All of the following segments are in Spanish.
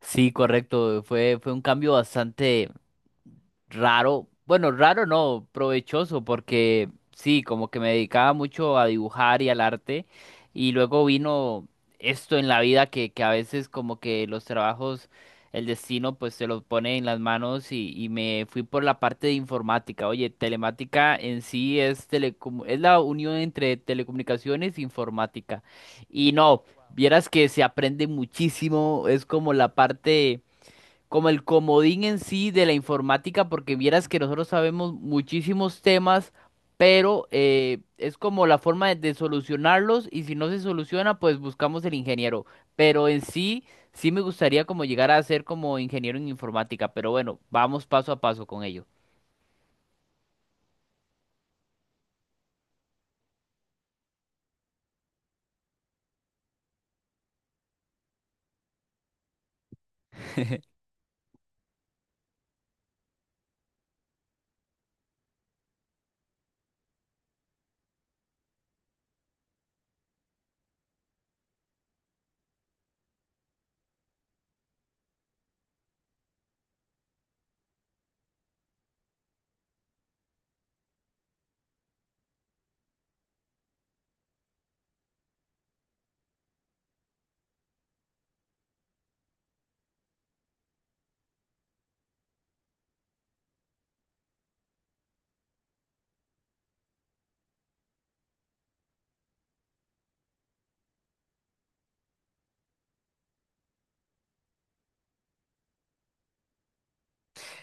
Sí, correcto. Fue un cambio bastante raro. Bueno, raro no, provechoso, porque sí, como que me dedicaba mucho a dibujar y al arte. Y luego vino esto en la vida que a veces como que los trabajos, el destino pues se los pone en las manos y me fui por la parte de informática. Oye, telemática en sí es, telecom es la unión entre telecomunicaciones e informática. Y no. Vieras que se aprende muchísimo, es como la parte, como el comodín en sí de la informática, porque vieras que nosotros sabemos muchísimos temas, pero es como la forma de solucionarlos y si no se soluciona, pues buscamos el ingeniero. Pero en sí, sí me gustaría como llegar a ser como ingeniero en informática, pero bueno, vamos paso a paso con ello.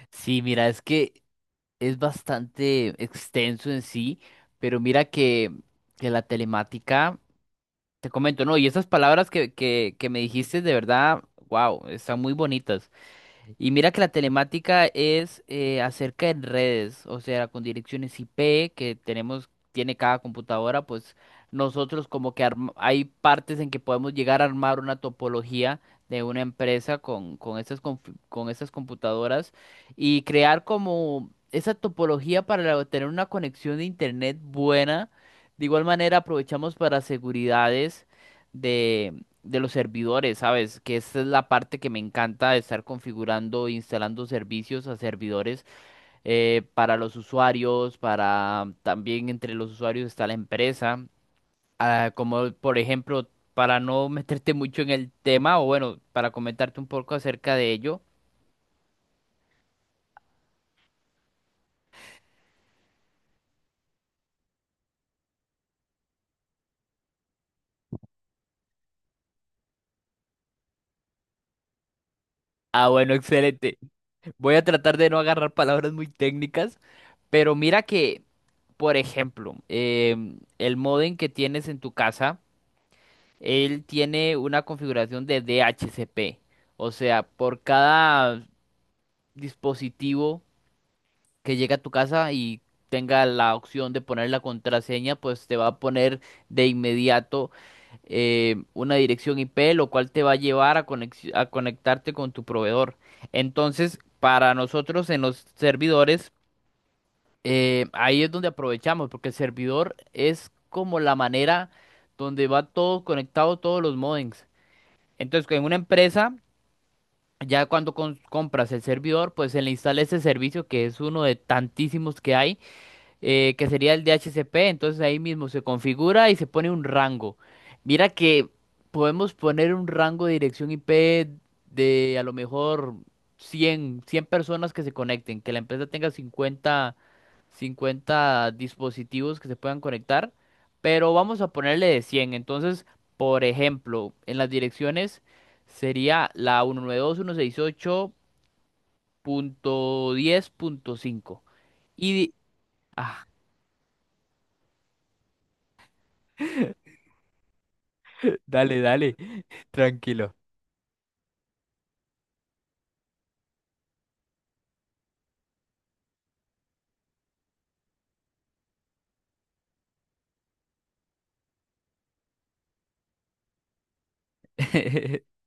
Sí, mira, es que es bastante extenso en sí, pero mira que la telemática... Te comento, no, y esas palabras que me dijiste de verdad, wow, están muy bonitas. Y mira que la telemática es acerca de redes, o sea, con direcciones IP que tenemos, tiene cada computadora, pues nosotros como que hay partes en que podemos llegar a armar una topología de una empresa con estas, con estas computadoras y crear como esa topología tener una conexión de internet buena. De igual manera aprovechamos para seguridades de los servidores, ¿sabes? Que esta es la parte que me encanta de estar configurando e instalando servicios a servidores para los usuarios, para también entre los usuarios está la empresa. Ah, como por ejemplo, para no meterte mucho en el tema, o bueno, para comentarte un poco acerca de ello. Ah, bueno, excelente. Voy a tratar de no agarrar palabras muy técnicas, pero mira que, por ejemplo, el modem que tienes en tu casa. Él tiene una configuración de DHCP. O sea, por cada dispositivo que llega a tu casa y tenga la opción de poner la contraseña, pues te va a poner de inmediato una dirección IP, lo cual te va a llevar a, a conectarte con tu proveedor. Entonces, para nosotros en los servidores, ahí es donde aprovechamos, porque el servidor es como la manera donde va todo conectado, todos los modems. Entonces, en una empresa, ya cuando compras el servidor, pues se le instala ese servicio que es uno de tantísimos que hay que sería el DHCP, entonces ahí mismo se configura y se pone un rango. Mira que podemos poner un rango de dirección IP de a lo mejor cien personas que se conecten, que la empresa tenga cincuenta dispositivos que se puedan conectar, pero vamos a ponerle de cien. Entonces, por ejemplo, en las direcciones sería la 192.168.10.5. Y, 2.168.10.5. Y, di- ah, dale, dale. Tranquilo.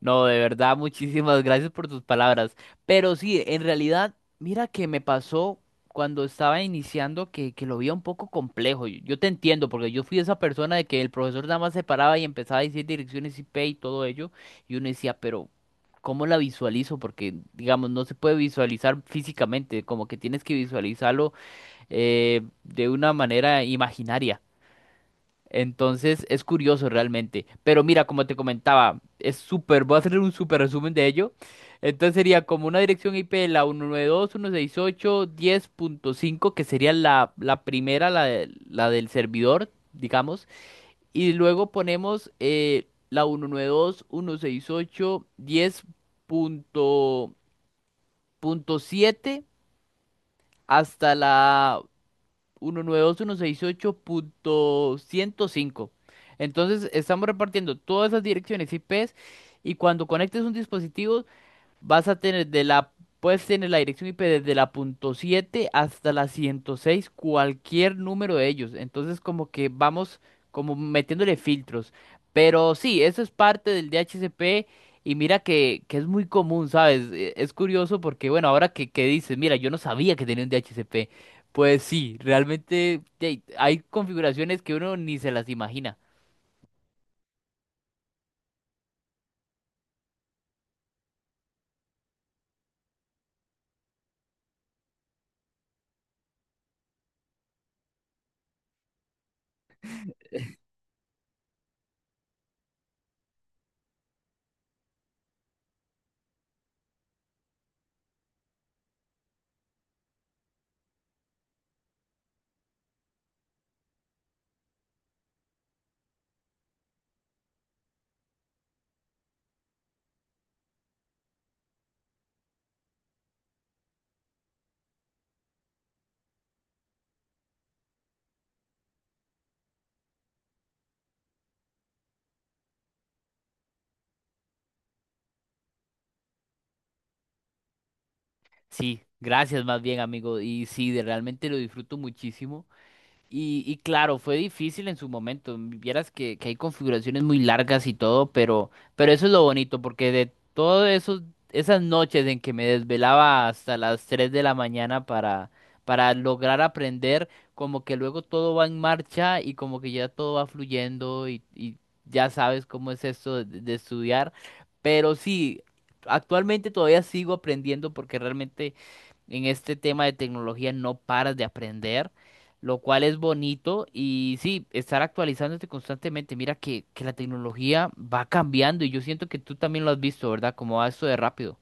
No, de verdad, muchísimas gracias por tus palabras. Pero sí, en realidad, mira que me pasó cuando estaba iniciando que lo veía un poco complejo. Yo te entiendo, porque yo fui esa persona de que el profesor nada más se paraba y empezaba a decir direcciones IP y todo ello. Y uno decía, pero ¿cómo la visualizo? Porque, digamos, no se puede visualizar físicamente, como que tienes que visualizarlo de una manera imaginaria. Entonces es curioso realmente. Pero mira, como te comentaba, es súper, voy a hacer un súper resumen de ello. Entonces sería como una dirección IP de la 192.168.10.5, que sería la, la primera, la del servidor, digamos. Y luego ponemos la 192.168.10.7 hasta la 192.168.105. Entonces estamos repartiendo todas esas direcciones IP y cuando conectes un dispositivo vas a tener de la, puedes tener la dirección IP desde la punto 7 hasta la 106 cualquier número de ellos. Entonces como que vamos como metiéndole filtros. Pero sí, eso es parte del DHCP y mira que es muy común, ¿sabes? Es curioso porque, bueno, ahora que dices, mira, yo no sabía que tenía un DHCP. Pues sí, realmente hay configuraciones que uno ni se las imagina. Sí, gracias más bien, amigo. Y sí, realmente lo disfruto muchísimo. Y claro, fue difícil en su momento. Vieras que hay configuraciones muy largas y todo, pero eso es lo bonito, porque de todas esos, esas noches en que me desvelaba hasta las 3 de la mañana para lograr aprender, como que luego todo va en marcha y como que ya todo va fluyendo y ya sabes cómo es esto de estudiar. Pero sí, actualmente todavía sigo aprendiendo porque realmente en este tema de tecnología no paras de aprender, lo cual es bonito y sí, estar actualizándote constantemente. Mira que la tecnología va cambiando y yo siento que tú también lo has visto, ¿verdad? Como va esto de rápido.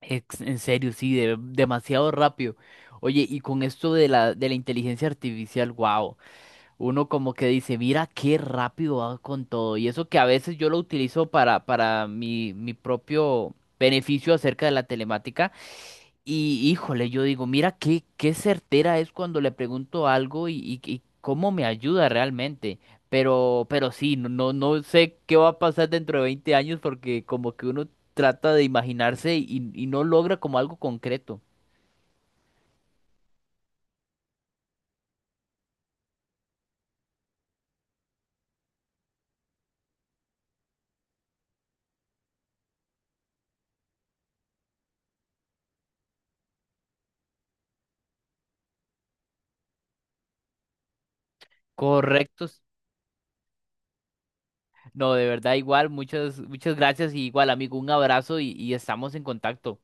En serio, sí, demasiado rápido. Oye, y con esto de la inteligencia artificial, wow, uno como que dice, mira qué rápido va con todo. Y eso que a veces yo lo utilizo para mi propio beneficio acerca de la telemática. Y híjole, yo digo, mira qué, certera es cuando le pregunto algo y, y cómo me ayuda realmente. Pero sí, no sé qué va a pasar dentro de 20 años porque como que uno trata de imaginarse y no logra como algo concreto. Correctos. No, de verdad, igual, muchas, muchas gracias y igual, amigo, un abrazo y estamos en contacto.